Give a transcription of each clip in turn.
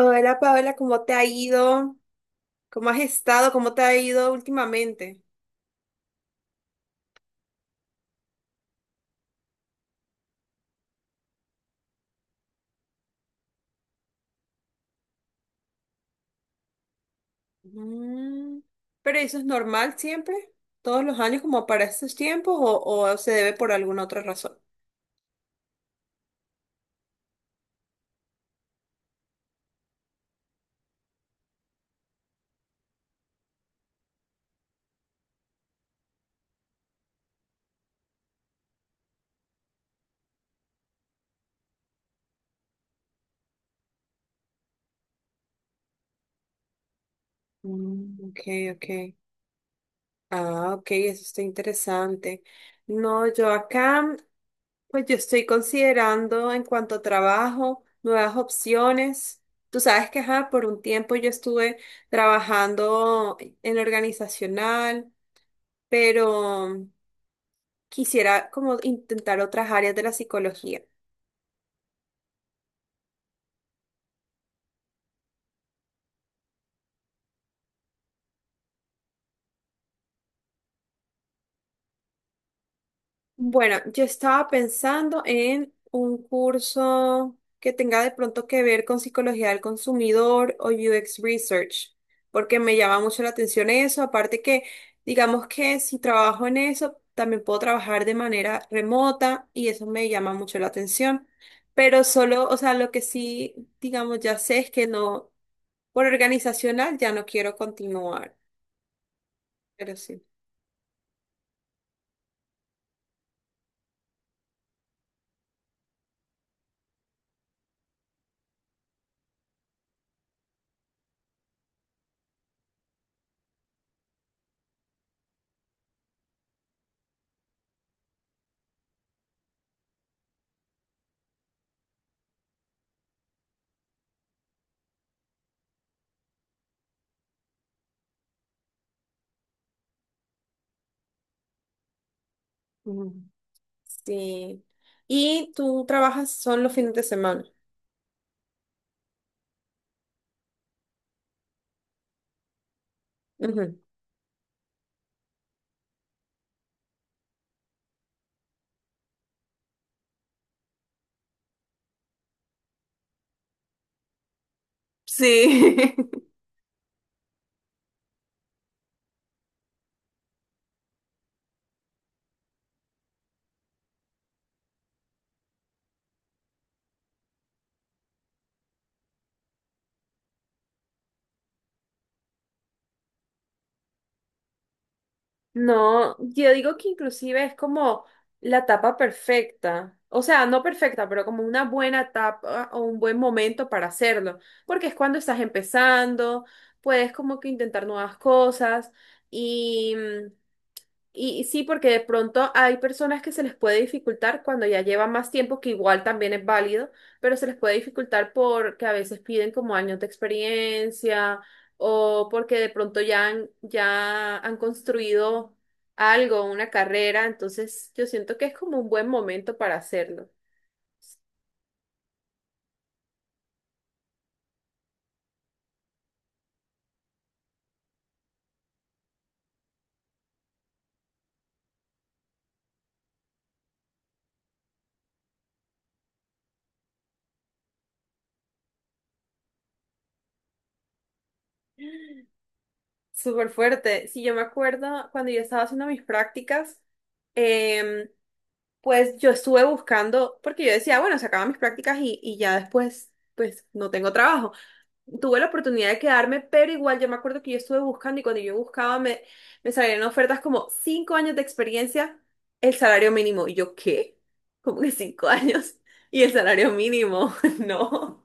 Hola Paola, ¿cómo te ha ido? ¿Cómo has estado? ¿Cómo te ha ido últimamente? Mm, ¿pero eso es normal siempre? ¿Todos los años como para estos tiempos o, se debe por alguna otra razón? Mm, ok, ok. Ah, ok, eso está interesante. No, yo acá, pues yo estoy considerando en cuanto a trabajo, nuevas opciones. Tú sabes que, ajá, por un tiempo yo estuve trabajando en organizacional, pero quisiera como intentar otras áreas de la psicología. Bueno, yo estaba pensando en un curso que tenga de pronto que ver con psicología del consumidor o UX Research, porque me llama mucho la atención eso. Aparte que, digamos que si trabajo en eso, también puedo trabajar de manera remota y eso me llama mucho la atención. Pero solo, o sea, lo que sí, digamos, ya sé es que no, por organizacional ya no quiero continuar, pero sí. Sí. Y tú trabajas son los fines de semana. Ujú. Sí. No, yo digo que inclusive es como la tapa perfecta. O sea, no perfecta, pero como una buena tapa o un buen momento para hacerlo. Porque es cuando estás empezando, puedes como que intentar nuevas cosas. Y y sí, porque de pronto hay personas que se les puede dificultar cuando ya llevan más tiempo, que igual también es válido, pero se les puede dificultar porque a veces piden como años de experiencia o porque de pronto ya han construido algo, una carrera, entonces yo siento que es como un buen momento para hacerlo. Súper fuerte. Sí, yo me acuerdo cuando yo estaba haciendo mis prácticas, em, pues yo estuve buscando, porque yo decía, bueno, se acaban mis prácticas y ya después, pues no tengo trabajo. Tuve la oportunidad de quedarme, pero igual yo me acuerdo que yo estuve buscando y cuando yo buscaba me salían ofertas como cinco años de experiencia, el salario mínimo. Y yo, ¿qué? ¿Cómo que cinco años? Y el salario mínimo, no.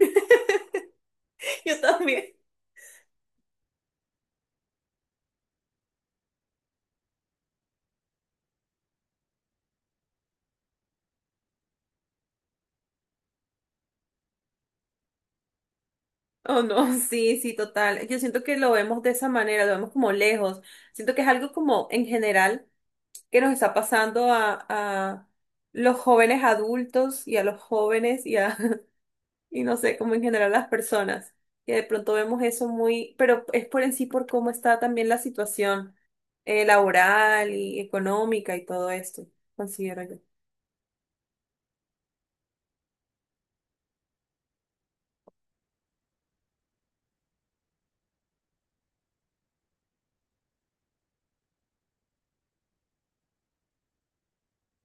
Yo también. Oh, no, sí, sí, total. Yo siento que lo vemos de esa manera, lo vemos como lejos. Siento que es algo como en general que nos está pasando a los jóvenes adultos y a los jóvenes y a, y no sé, como en general las personas, que de pronto vemos eso muy, pero es por en sí por cómo está también la situación laboral y económica y todo esto, considero yo.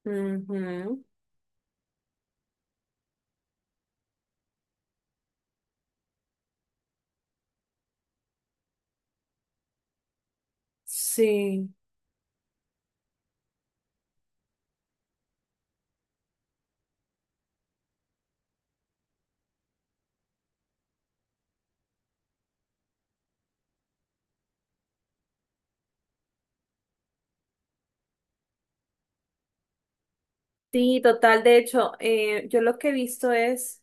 Ujú. Sí, sí, total. De hecho, yo lo que he visto es...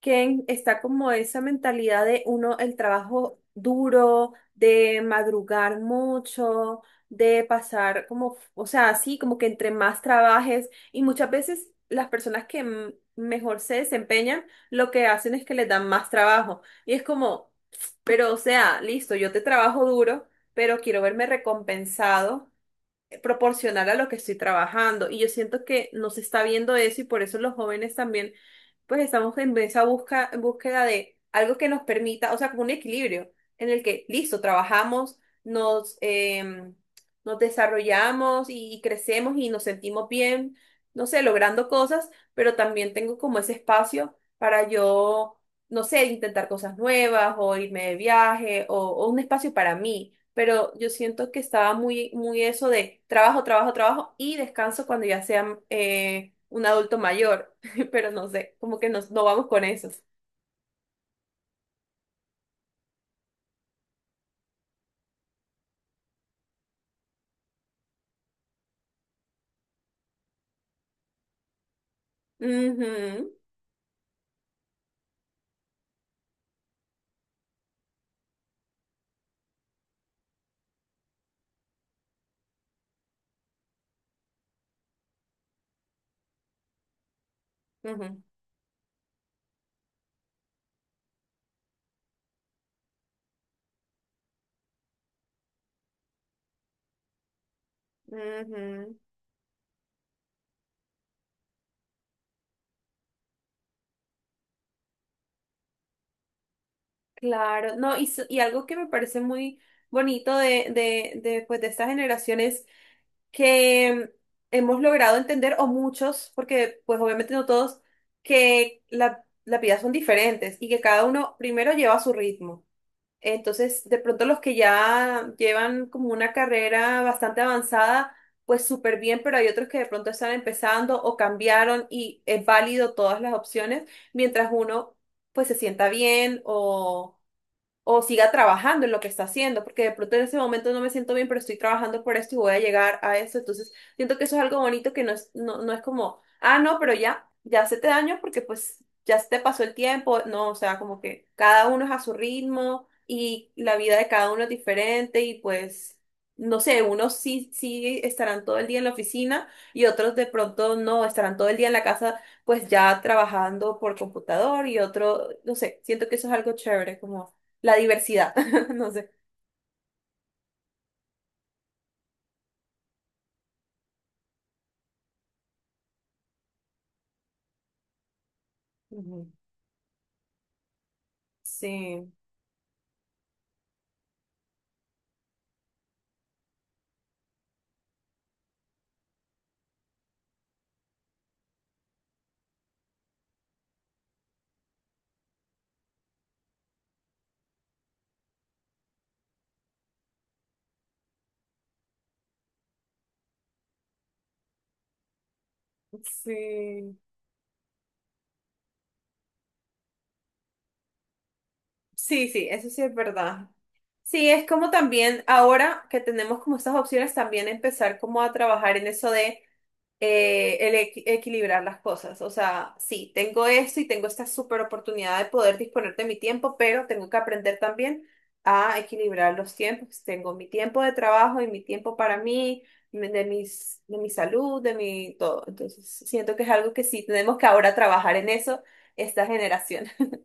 que está como esa mentalidad de uno, el trabajo duro, de madrugar mucho, de pasar como, o sea, así como que entre más trabajes y muchas veces las personas que mejor se desempeñan, lo que hacen es que les dan más trabajo. Y es como, pero o sea, listo, yo te trabajo duro, pero quiero verme recompensado proporcional a lo que estoy trabajando. Y yo siento que no se está viendo eso y por eso los jóvenes también, pues estamos en esa busca, en búsqueda de algo que nos permita, o sea, como un equilibrio en el que, listo, trabajamos, nos, em, nos desarrollamos y crecemos y nos sentimos bien, no sé, logrando cosas, pero también tengo como ese espacio para yo, no sé, intentar cosas nuevas o irme de viaje o un espacio para mí, pero yo siento que estaba muy, muy eso de trabajo, trabajo, trabajo y descanso cuando ya sea un adulto mayor, pero no sé, como que nos, no vamos con esos. Ujú, ujú, ujú. Claro, no, y, y algo que me parece muy bonito pues, de estas generaciones que hemos logrado entender, o muchos, porque pues obviamente no todos, que la vida son diferentes y que cada uno primero lleva su ritmo. Entonces, de pronto los que ya llevan como una carrera bastante avanzada, pues súper bien, pero hay otros que de pronto están empezando o cambiaron y es válido todas las opciones, mientras uno pues se sienta bien o siga trabajando en lo que está haciendo, porque de pronto en ese momento no me siento bien, pero estoy trabajando por esto y voy a llegar a eso. Entonces, siento que eso es algo bonito que no es, no, no es como, ah, no, pero ya, ya se te daño porque pues ya se te pasó el tiempo. No, o sea, como que cada uno es a su ritmo y la vida de cada uno es diferente y pues... No sé, unos sí, sí estarán todo el día en la oficina y otros de pronto no, estarán todo el día en la casa pues ya trabajando por computador y otro, no sé, siento que eso es algo chévere, como la diversidad, no sé. Ujú. Sí, sí, sí, sí, eso sí es verdad. Sí, es como también ahora que tenemos como estas opciones, también empezar como a trabajar en eso de el equilibrar las cosas. O sea, sí, tengo esto y tengo esta super oportunidad de poder disponer de mi tiempo, pero tengo que aprender también a equilibrar los tiempos. Tengo mi tiempo de trabajo y mi tiempo para mí, de mi salud, de mi todo. Entonces, siento que es algo que sí tenemos que ahora trabajar en eso, esta generación.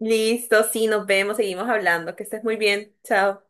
Listo, sí, nos vemos, seguimos hablando. Que estés muy bien. Chao.